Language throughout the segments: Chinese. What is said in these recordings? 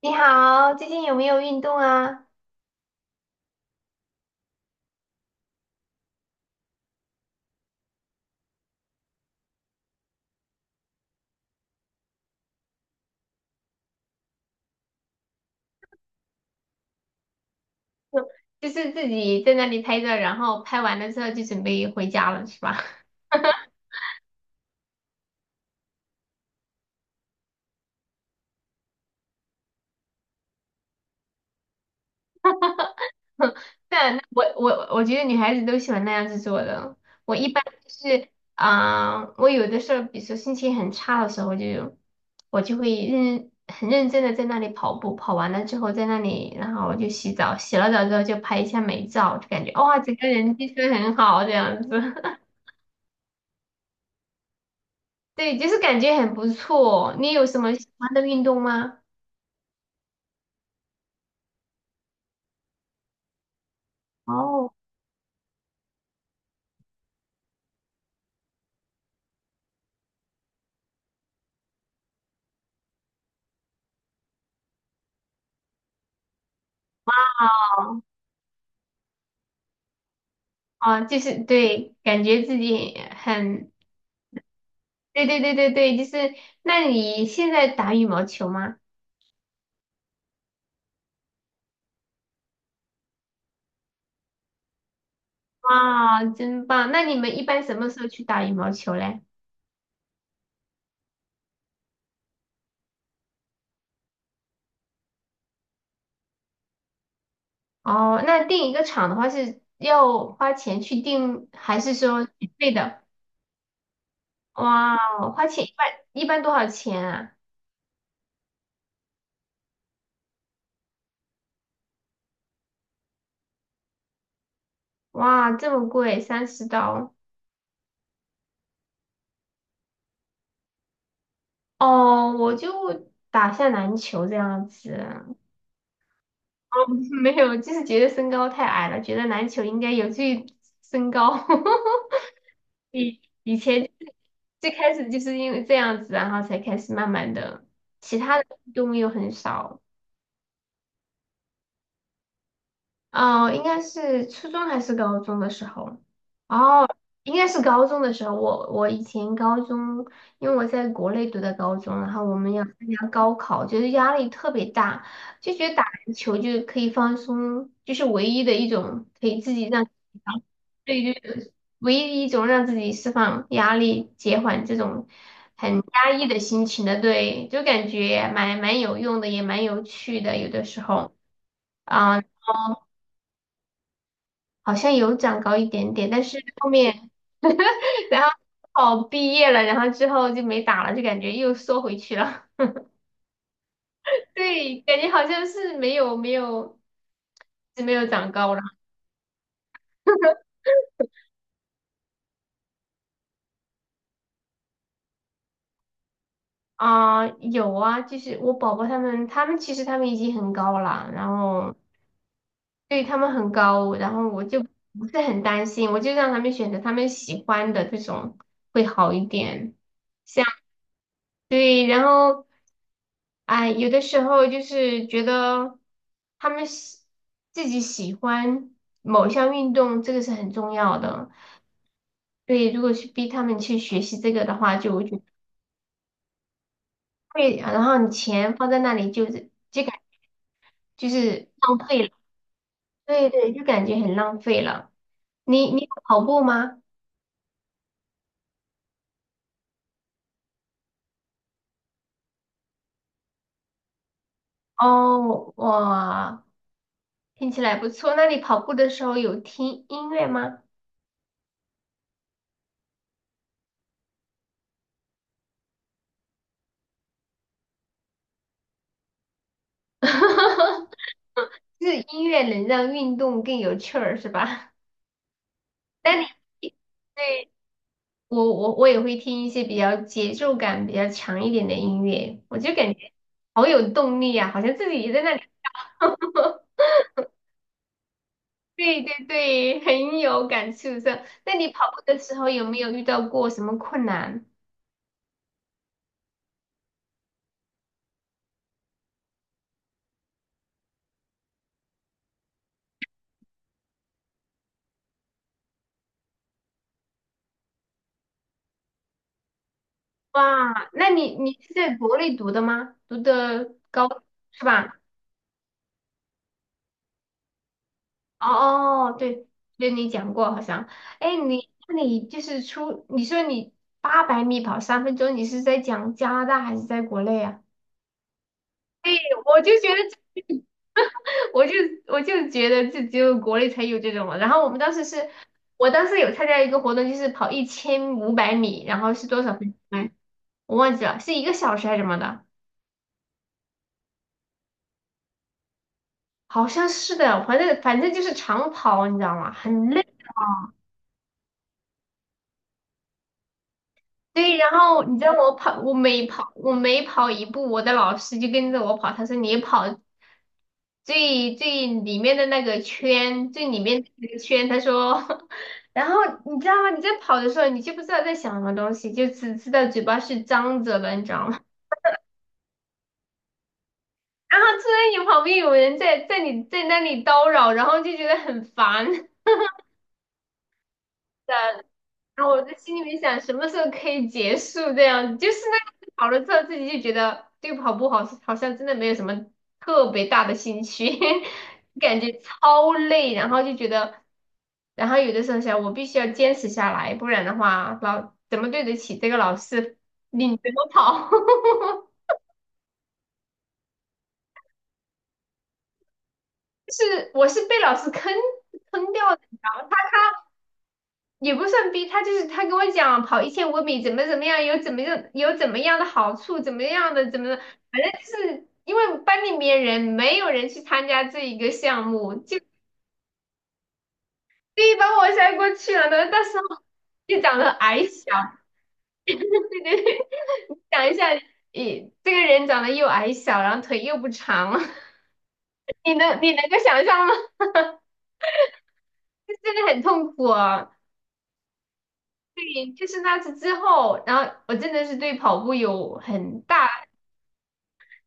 你好，最近有没有运动啊？就就是自己在那里拍照，然后拍完了之后就准备回家了，是吧？那我觉得女孩子都喜欢那样子做的。我一般就是我有的时候，比如说心情很差的时候就，我就会认很认真的在那里跑步，跑完了之后在那里，然后我就洗澡，洗了澡之后就拍一下美照，就感觉哇，整个人精神很好这样子。对，就是感觉很不错。你有什么喜欢的运动吗？哦，啊，就是对，感觉自己很，对对对对对，就是。那你现在打羽毛球吗？哇，真棒。那你们一般什么时候去打羽毛球嘞？哦，那订一个场的话是要花钱去订，还是说免费的？哇，花钱一般一般多少钱啊？哇，这么贵，30刀。哦，我就打下篮球这样子。没有，就是觉得身高太矮了，觉得篮球应该有助于身高。以前最开始就是因为这样子，然后才开始慢慢的，其他的运动又很少。哦，应该是初中还是高中的时候？哦，应该是高中的时候。我以前高中，因为我在国内读的高中，然后我们要参加高考，就是压力特别大，就觉得打篮球就可以放松，就是唯一的一种可以自己让自己放，对，就是唯一一种让自己释放压力、减缓这种很压抑的心情的，对，就感觉蛮有用的，也蛮有趣的，有的时候。啊、好像有长高一点点，但是后面 然后哦毕业了，然后之后就没打了，就感觉又缩回去了。对，感觉好像是没有是没有长高了啊、有啊，就是我宝宝他们其实他们已经很高了，然后对他们很高，然后我就不是很担心，我就让他们选择他们喜欢的这种会好一点。像对，然后。哎，有的时候就是觉得他们喜自己喜欢某项运动，这个是很重要的。对，如果去逼他们去学习这个的话，就我觉得会，然后你钱放在那里就是就感就是浪费了。对对，就感觉很浪费了。你有跑步吗？哦，哇，听起来不错。那你跑步的时候有听音乐吗？就是音乐能让运动更有趣儿，是吧？那你对我也会听一些比较节奏感比较强一点的音乐，我就感觉好有动力啊，好像自己也在那里。对对对，很有感触的。那你跑步的时候有没有遇到过什么困难？哇，那你是在国内读的吗？读的高是吧？哦，哦，对，对你讲过好像，哎，你那你就是出，你说你800米跑3分钟，你是在讲加拿大还是在国内啊？我就觉得这 我就我就觉得这只有国内才有这种了。然后我们当时是，我当时有参加一个活动，就是跑一千五百米，然后是多少分钟来我忘记了，是一个小时还是什么的？好像是的，反正就是长跑，你知道吗？很累。对，然后你知道我跑，我每跑，我每跑一步，我的老师就跟着我跑。他说你跑最里面的那个圈，最里面的那个圈。他说，然后你知道吗？你在跑的时候，你就不知道在想什么东西，就只知道嘴巴是张着的，你知道吗？然后突然有旁边有人在你在那里叨扰，然后就觉得很烦。然后我在心里面想，什么时候可以结束这样子？就是那个跑了之后，自己就觉得对跑步好，好像真的没有什么特别大的兴趣，感觉超累，然后就觉得，然后有的时候想，我必须要坚持下来，不然的话，老怎么对得起这个老师领着我跑？就是我是被老师坑掉的，然后也不算逼他，就是他跟我讲跑1500米怎么怎么样，有怎么样有怎么样的好处，怎么样的怎么的，反正就是因为班里面人没有人去参加这一个项目，就所以把我塞过去了呢。那到时候就长得矮小，对对对，想一下，你这个人长得又矮小，然后腿又不长，你能够想象吗？就真的很痛苦啊。对，就是那次之后，然后我真的是对跑步有很大。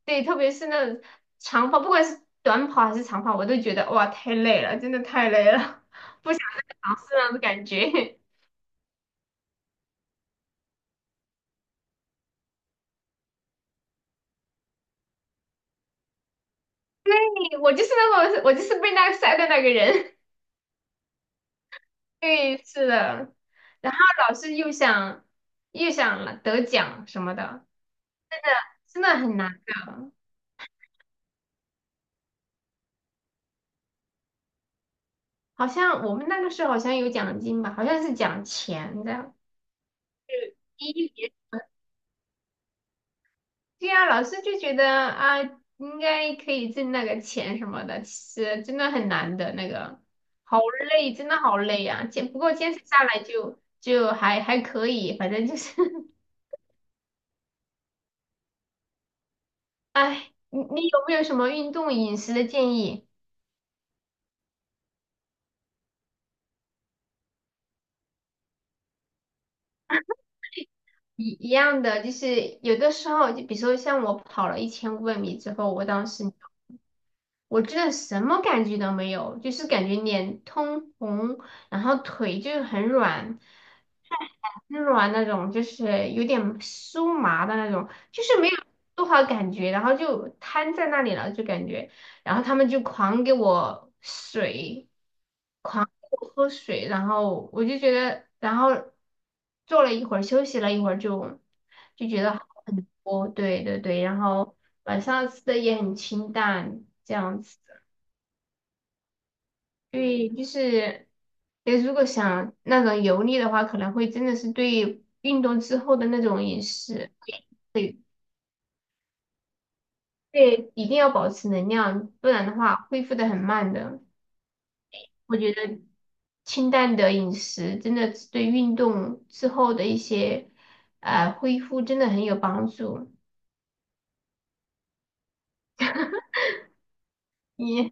对，特别是那种长跑，不管是短跑还是长跑，我都觉得哇，太累了，真的太累了，是那种感觉。对我就是那个，我就是被那个晒的那个人。对，是的。然后老是又想又想得奖什么的，真的很难的。好像我们那个时候好像有奖金吧，好像是奖钱的。对呀，老师就觉得啊，应该可以挣那个钱什么的，其实真的很难的那个，好累，真的好累啊。坚不过坚持下来就就还还可以，反正就是唉 你有没有什么运动饮食的建议？一样的，就是有的时候，就比如说像我跑了一千五百米之后，我当时我真的什么感觉都没有，就是感觉脸通红，然后腿就是很软。很软那种，就是有点酥麻的那种，就是没有多少感觉，然后就瘫在那里了，就感觉，然后他们就狂给我水，狂给我喝水，然后我就觉得，然后坐了一会儿，休息了一会儿就，就觉得好很多，对对对，然后晚上吃的也很清淡，这样子。对，就是，如果想那种油腻的话，可能会真的是对运动之后的那种饮食，对，一定要保持能量，不然的话恢复的很慢的。我觉得清淡的饮食真的是对运动之后的一些，恢复真的很有帮助。你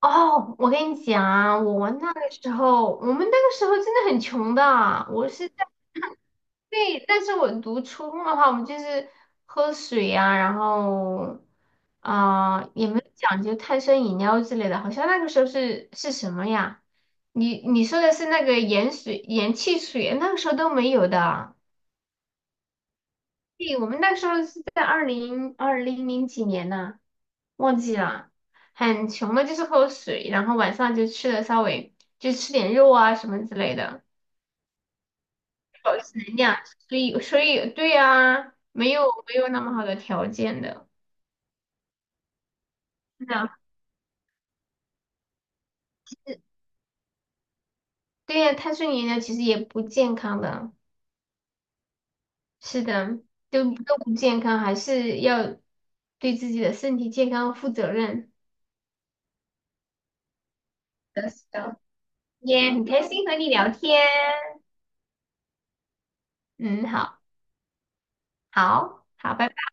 哦，我跟你讲啊，我那个时候，我们那个时候真的很穷的啊我是在，对，但是我读初中的话，我们就是喝水啊，然后啊、也没有讲究碳酸饮料之类的，好像那个时候是什么呀？你说的是那个盐水、盐汽水，那个时候都没有的。对，我们那时候是在二零二零零几年呢、忘记了，很穷的，就是喝水，然后晚上就吃的稍微就吃点肉啊什么之类的，保持能量，所以对呀、没有没有那么好的条件的，是的，对呀、碳水饮料其实也不健康的，是的，都不健康，还是要对自己的身体健康负责任。是的是的。也很开心和你聊天，嗯，好，好，好，拜拜。